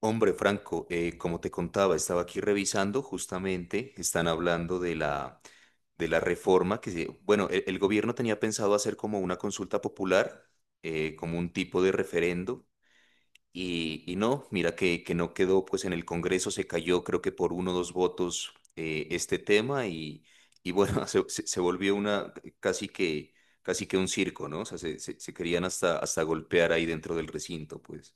Hombre, Franco, como te contaba, estaba aquí revisando, justamente están hablando de la reforma bueno, el gobierno tenía pensado hacer como una consulta popular, como un tipo de referendo, y no, mira que no quedó, pues en el Congreso se cayó, creo que por uno o dos votos este tema, y bueno, se volvió una casi que, casi que un circo, ¿no? O sea, se querían hasta, hasta golpear ahí dentro del recinto, pues.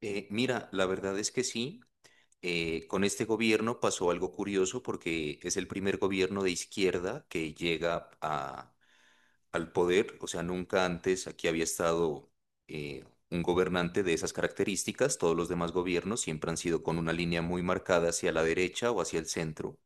Mira, la verdad es que sí. Con este gobierno pasó algo curioso porque es el primer gobierno de izquierda que al poder, o sea, nunca antes aquí había estado eh, un gobernante de esas características, todos los demás gobiernos siempre han sido con una línea muy marcada hacia la derecha o hacia el centro.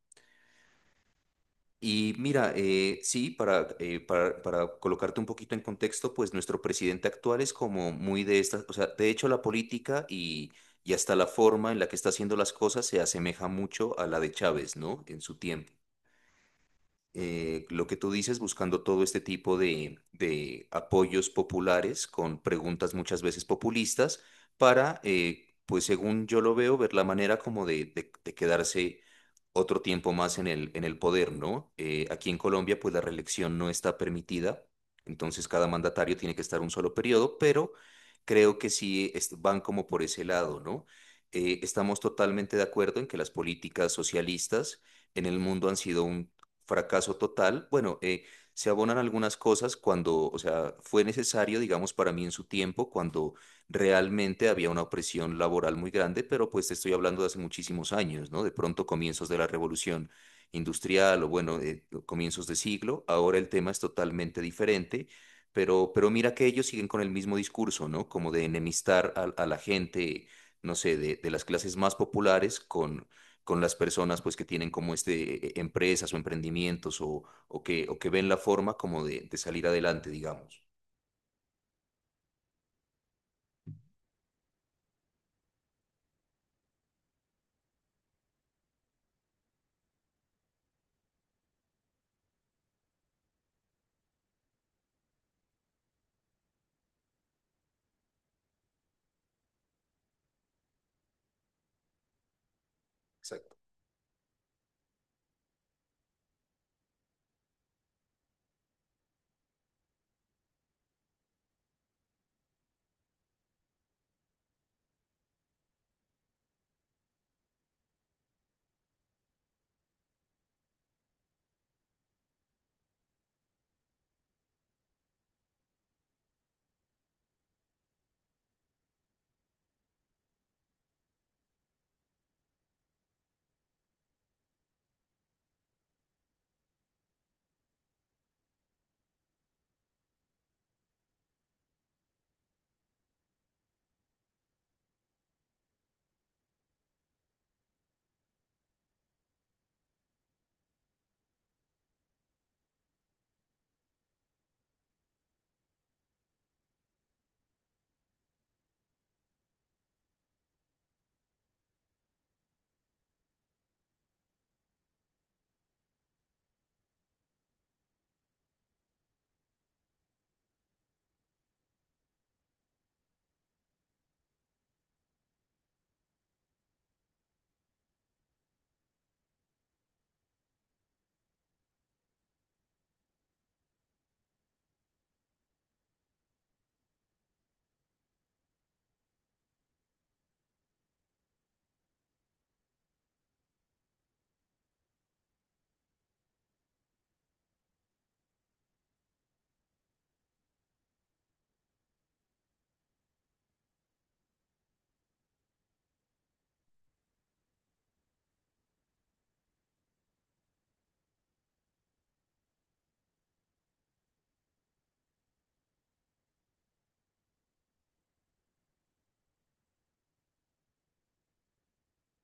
Y mira, sí, para colocarte un poquito en contexto, pues nuestro presidente actual es como muy de estas, o sea, de hecho la política y hasta la forma en la que está haciendo las cosas se asemeja mucho a la de Chávez, ¿no? En su tiempo lo que tú dices, buscando todo este tipo de, apoyos populares con preguntas muchas veces populistas para, pues según yo lo veo, ver la manera como de, quedarse otro tiempo más en en el poder, ¿no? Aquí en Colombia, pues la reelección no está permitida, entonces cada mandatario tiene que estar un solo periodo, pero creo que van como por ese lado, ¿no? Estamos totalmente de acuerdo en que las políticas socialistas en el mundo han sido un fracaso total. Bueno, se abonan algunas cosas cuando, o sea, fue necesario, digamos, para mí en su tiempo, cuando realmente había una opresión laboral muy grande, pero pues te estoy hablando de hace muchísimos años, ¿no? De pronto comienzos de la revolución industrial o bueno, comienzos de siglo. Ahora el tema es totalmente diferente. Pero mira que ellos siguen con el mismo discurso, ¿no? Como de enemistar a la gente, no sé, de, las clases más populares con las personas pues que tienen como este empresas o emprendimientos o que ven la forma como de, salir adelante, digamos. Exacto,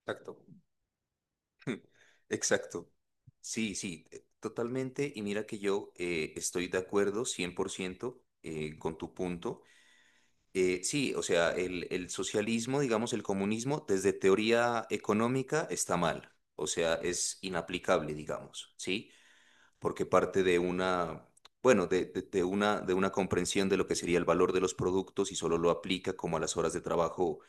exacto. Exacto. Sí, sí, totalmente. Y mira que yo estoy de acuerdo 100% con tu punto. Sí, o sea, el socialismo, digamos, el comunismo, desde teoría económica está mal. O sea, es inaplicable, digamos, ¿sí? Porque parte de una, bueno, de una comprensión de lo que sería el valor de los productos y solo lo aplica como a las horas de trabajo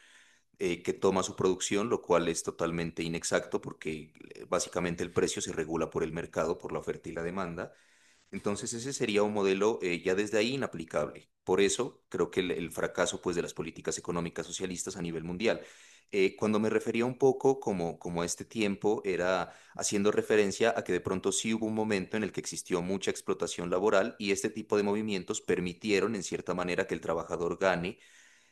que toma su producción, lo cual es totalmente inexacto porque básicamente el precio se regula por el mercado, por la oferta y la demanda. Entonces ese sería un modelo ya desde ahí inaplicable. Por eso creo que el fracaso pues, de las políticas económicas socialistas a nivel mundial. Cuando me refería un poco como a este tiempo, era haciendo referencia a que de pronto sí hubo un momento en el que existió mucha explotación laboral y este tipo de movimientos permitieron en cierta manera que el trabajador gane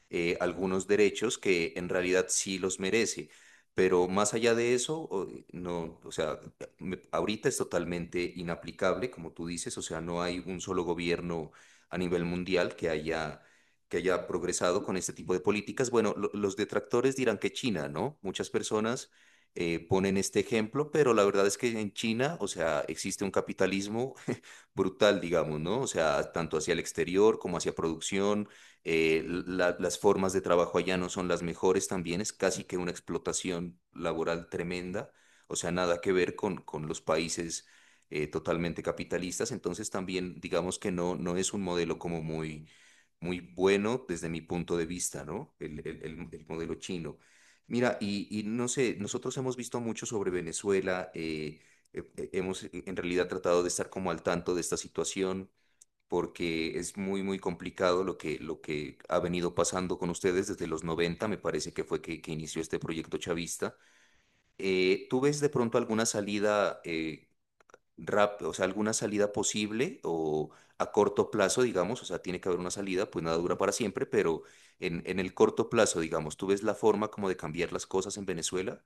algunos derechos que en realidad sí los merece. Pero más allá de eso, no, o sea, ahorita es totalmente inaplicable, como tú dices, o sea, no hay un solo gobierno a nivel mundial que haya, progresado con este tipo de políticas. Bueno, los detractores dirán que China, ¿no? Muchas personas ponen este ejemplo, pero la verdad es que en China, o sea, existe un capitalismo brutal, digamos, ¿no? O sea, tanto hacia el exterior como hacia producción las formas de trabajo allá no son las mejores también, es casi que una explotación laboral tremenda, o sea, nada que ver con, los países totalmente capitalistas, entonces también digamos que no es un modelo como muy, muy bueno desde mi punto de vista, ¿no? El modelo chino. Mira, y no sé, nosotros hemos visto mucho sobre Venezuela, hemos en realidad tratado de estar como al tanto de esta situación porque es muy, muy complicado lo que, ha venido pasando con ustedes desde los 90 me parece que fue que inició este proyecto chavista. ¿Tú ves de pronto alguna salida o sea, alguna salida posible o a corto plazo, digamos? O sea, tiene que haber una salida, pues nada dura para siempre, pero en, el corto plazo, digamos, ¿tú ves la forma como de cambiar las cosas en Venezuela?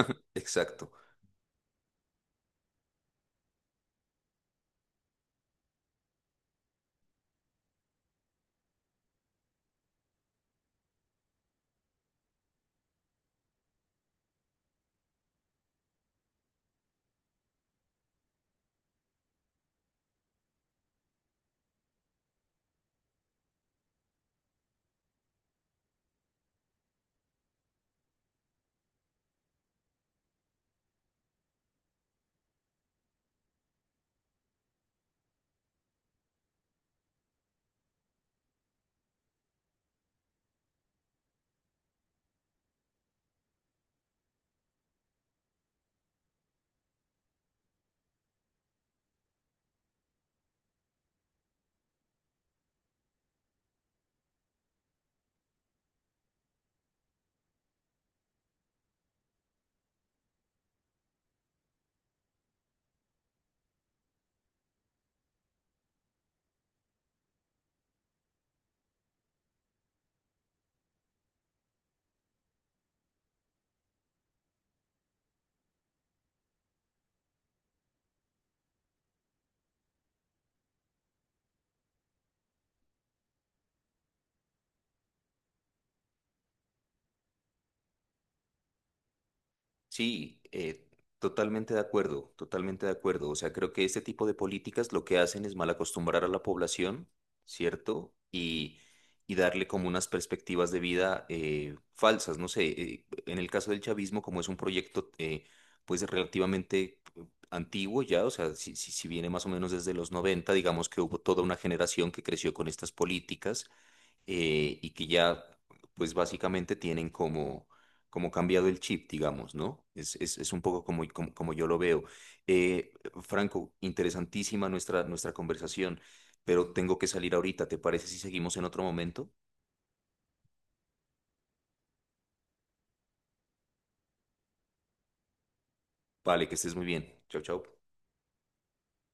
Exacto. Sí, totalmente de acuerdo, totalmente de acuerdo. O sea, creo que este tipo de políticas lo que hacen es mal acostumbrar a la población, ¿cierto? Y darle como unas perspectivas de vida falsas. No sé, en el caso del chavismo, como es un proyecto pues relativamente antiguo ya, o sea, si viene más o menos desde los 90, digamos que hubo toda una generación que creció con estas políticas y que ya, pues básicamente tienen como cambiado el chip, digamos, ¿no? Es un poco como yo lo veo. Eh, Franco, interesantísima nuestra conversación, pero tengo que salir ahorita. ¿Te parece si seguimos en otro momento? Vale, que estés muy bien. Chao, chao.